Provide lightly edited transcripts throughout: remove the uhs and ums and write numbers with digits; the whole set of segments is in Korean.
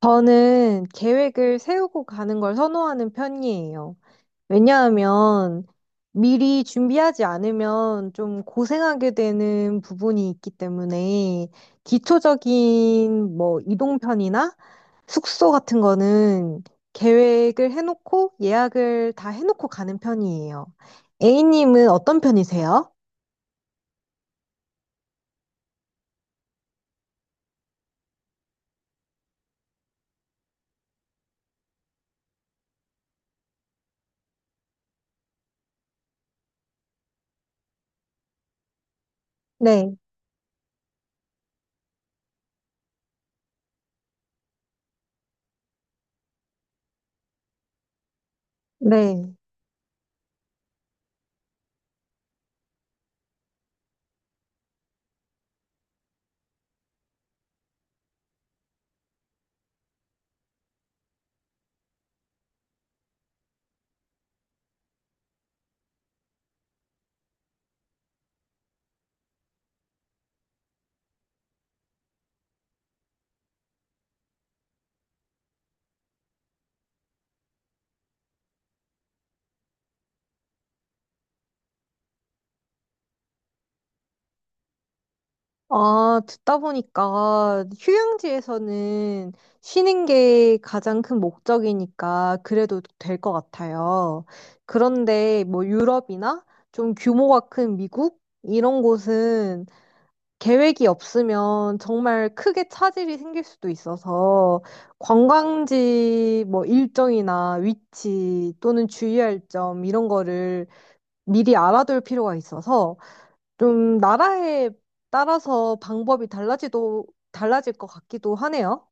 저는 계획을 세우고 가는 걸 선호하는 편이에요. 왜냐하면 미리 준비하지 않으면 좀 고생하게 되는 부분이 있기 때문에 기초적인 뭐 이동편이나 숙소 같은 거는 계획을 해놓고 예약을 다 해놓고 가는 편이에요. A님은 어떤 편이세요? 네, 네. 아, 듣다 보니까 휴양지에서는 쉬는 게 가장 큰 목적이니까 그래도 될 것 같아요. 그런데 뭐 유럽이나 좀 규모가 큰 미국 이런 곳은 계획이 없으면 정말 크게 차질이 생길 수도 있어서 관광지 뭐 일정이나 위치 또는 주의할 점 이런 거를 미리 알아둘 필요가 있어서 좀 나라에 따라서 방법이 달라지도, 달라질 것 같기도 하네요.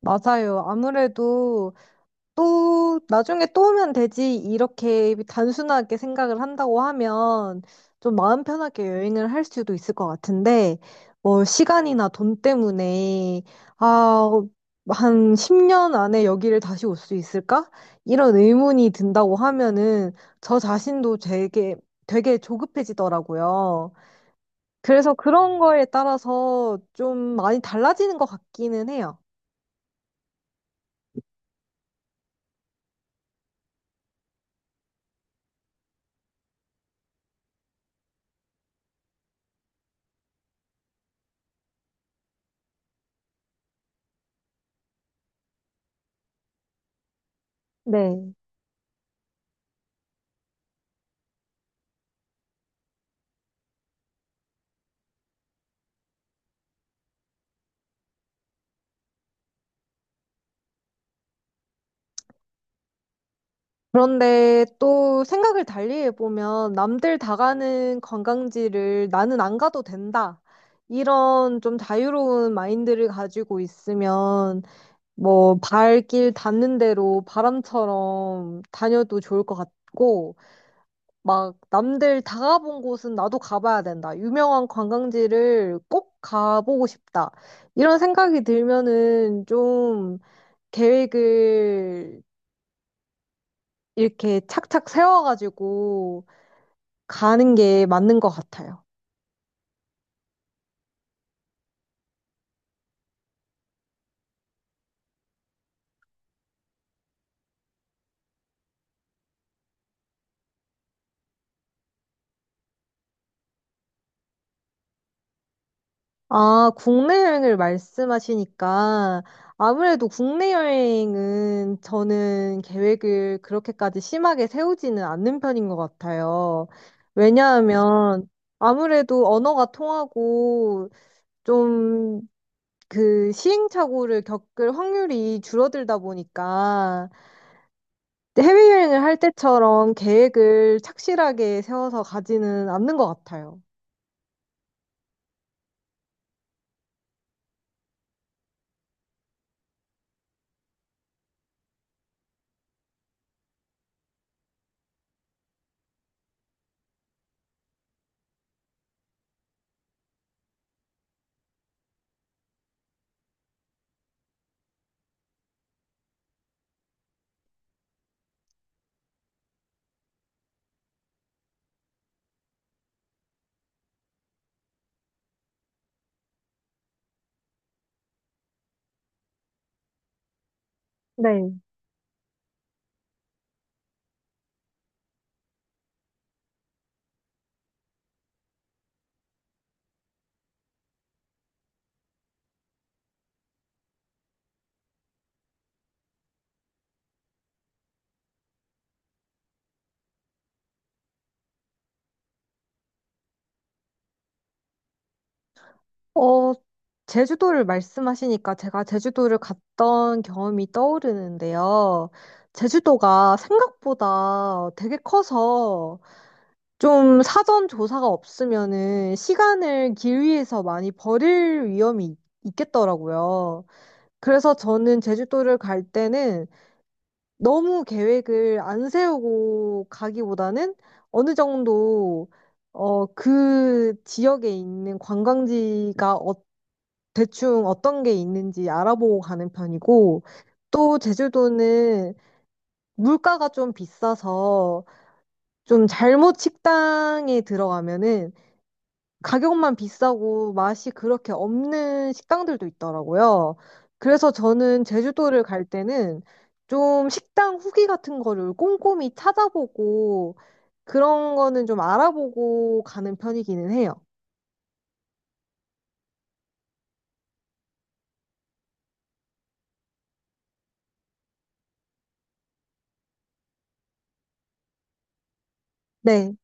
맞아요. 아무래도 또 나중에 또 오면 되지 이렇게 단순하게 생각을 한다고 하면 좀 마음 편하게 여행을 할 수도 있을 것 같은데 뭐 시간이나 돈 때문에 아, 한 10년 안에 여기를 다시 올 수 있을까? 이런 의문이 든다고 하면은 저 자신도 되게 되게 조급해지더라고요. 그래서 그런 거에 따라서 좀 많이 달라지는 것 같기는 해요. 네. 그런데 또 생각을 달리 해보면 남들 다 가는 관광지를 나는 안 가도 된다. 이런 좀 자유로운 마인드를 가지고 있으면 뭐 발길 닿는 대로 바람처럼 다녀도 좋을 것 같고 막 남들 다 가본 곳은 나도 가봐야 된다. 유명한 관광지를 꼭 가보고 싶다. 이런 생각이 들면은 좀 계획을 이렇게 착착 세워가지고 가는 게 맞는 것 같아요. 아, 국내 여행을 말씀하시니까 아무래도 국내 여행은 저는 계획을 그렇게까지 심하게 세우지는 않는 편인 것 같아요. 왜냐하면 아무래도 언어가 통하고 좀 그 시행착오를 겪을 확률이 줄어들다 보니까 해외여행을 할 때처럼 계획을 착실하게 세워서 가지는 않는 것 같아요. 네. 어, 제주도를 말씀하시니까 제가 제주도를 갔던 경험이 떠오르는데요. 제주도가 생각보다 되게 커서 좀 사전 조사가 없으면은 시간을 길 위에서 많이 버릴 위험이 있겠더라고요. 그래서 저는 제주도를 갈 때는 너무 계획을 안 세우고 가기보다는 어느 정도 그 지역에 있는 관광지가 대충 어떤 게 있는지 알아보고 가는 편이고 또 제주도는 물가가 좀 비싸서 좀 잘못 식당에 들어가면은 가격만 비싸고 맛이 그렇게 없는 식당들도 있더라고요. 그래서 저는 제주도를 갈 때는 좀 식당 후기 같은 거를 꼼꼼히 찾아보고 그런 거는 좀 알아보고 가는 편이기는 해요. 네,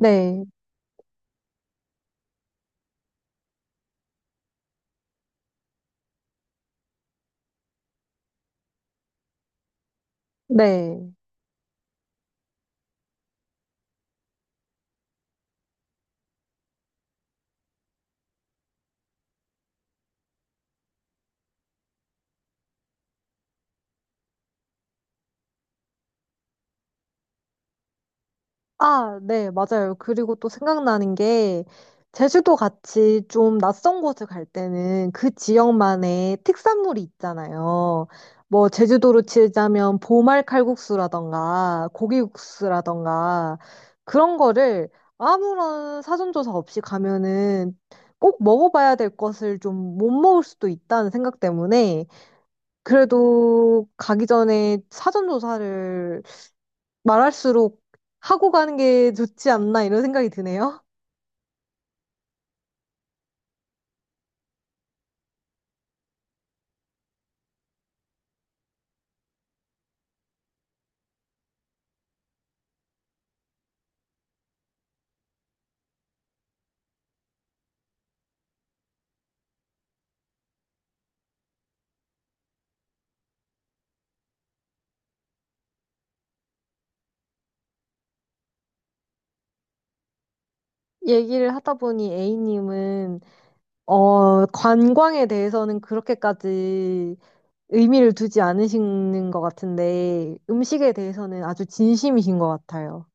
네, 네. 아, 네, 맞아요. 그리고 또 생각나는 게, 제주도 같이 좀 낯선 곳을 갈 때는 그 지역만의 특산물이 있잖아요. 뭐, 제주도로 치자면 보말 칼국수라던가, 고기국수라던가, 그런 거를 아무런 사전조사 없이 가면은 꼭 먹어봐야 될 것을 좀 못 먹을 수도 있다는 생각 때문에, 그래도 가기 전에 사전조사를 말할수록 하고 가는 게 좋지 않나 이런 생각이 드네요. 얘기를 하다 보니 A님은 관광에 대해서는 그렇게까지 의미를 두지 않으시는 것 같은데 음식에 대해서는 아주 진심이신 것 같아요.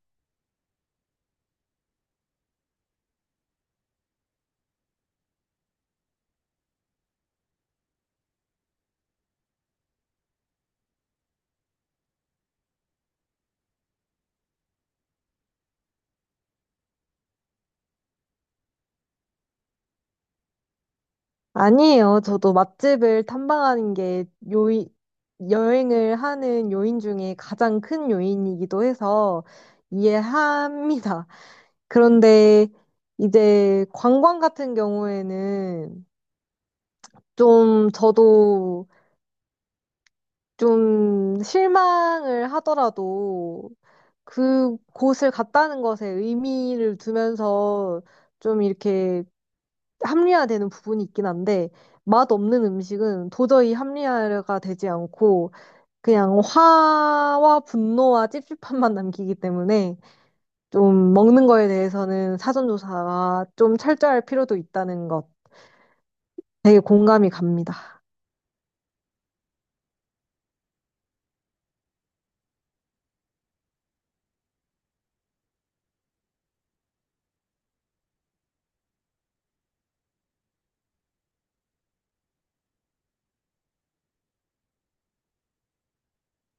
아니에요. 저도 맛집을 탐방하는 게 요인, 여행을 하는 요인 중에 가장 큰 요인이기도 해서 이해합니다. 그런데 이제 관광 같은 경우에는 좀 저도 좀 실망을 하더라도 그곳을 갔다는 것에 의미를 두면서 좀 이렇게 합리화되는 부분이 있긴 한데 맛없는 음식은 도저히 합리화가 되지 않고 그냥 화와 분노와 찝찝함만 남기기 때문에 좀 먹는 거에 대해서는 사전조사가 좀 철저할 필요도 있다는 것 되게 공감이 갑니다.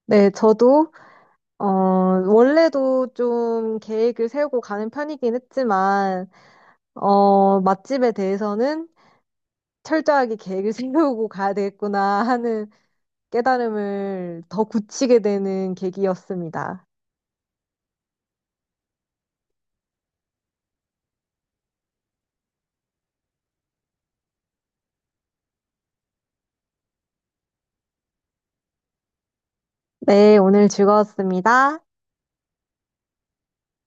네, 저도 어, 원래도 좀 계획을 세우고 가는 편이긴 했지만, 맛집에 대해서는 철저하게 계획을 세우고 가야 되겠구나 하는 깨달음을 더 굳히게 되는 계기였습니다. 네, 오늘 즐거웠습니다.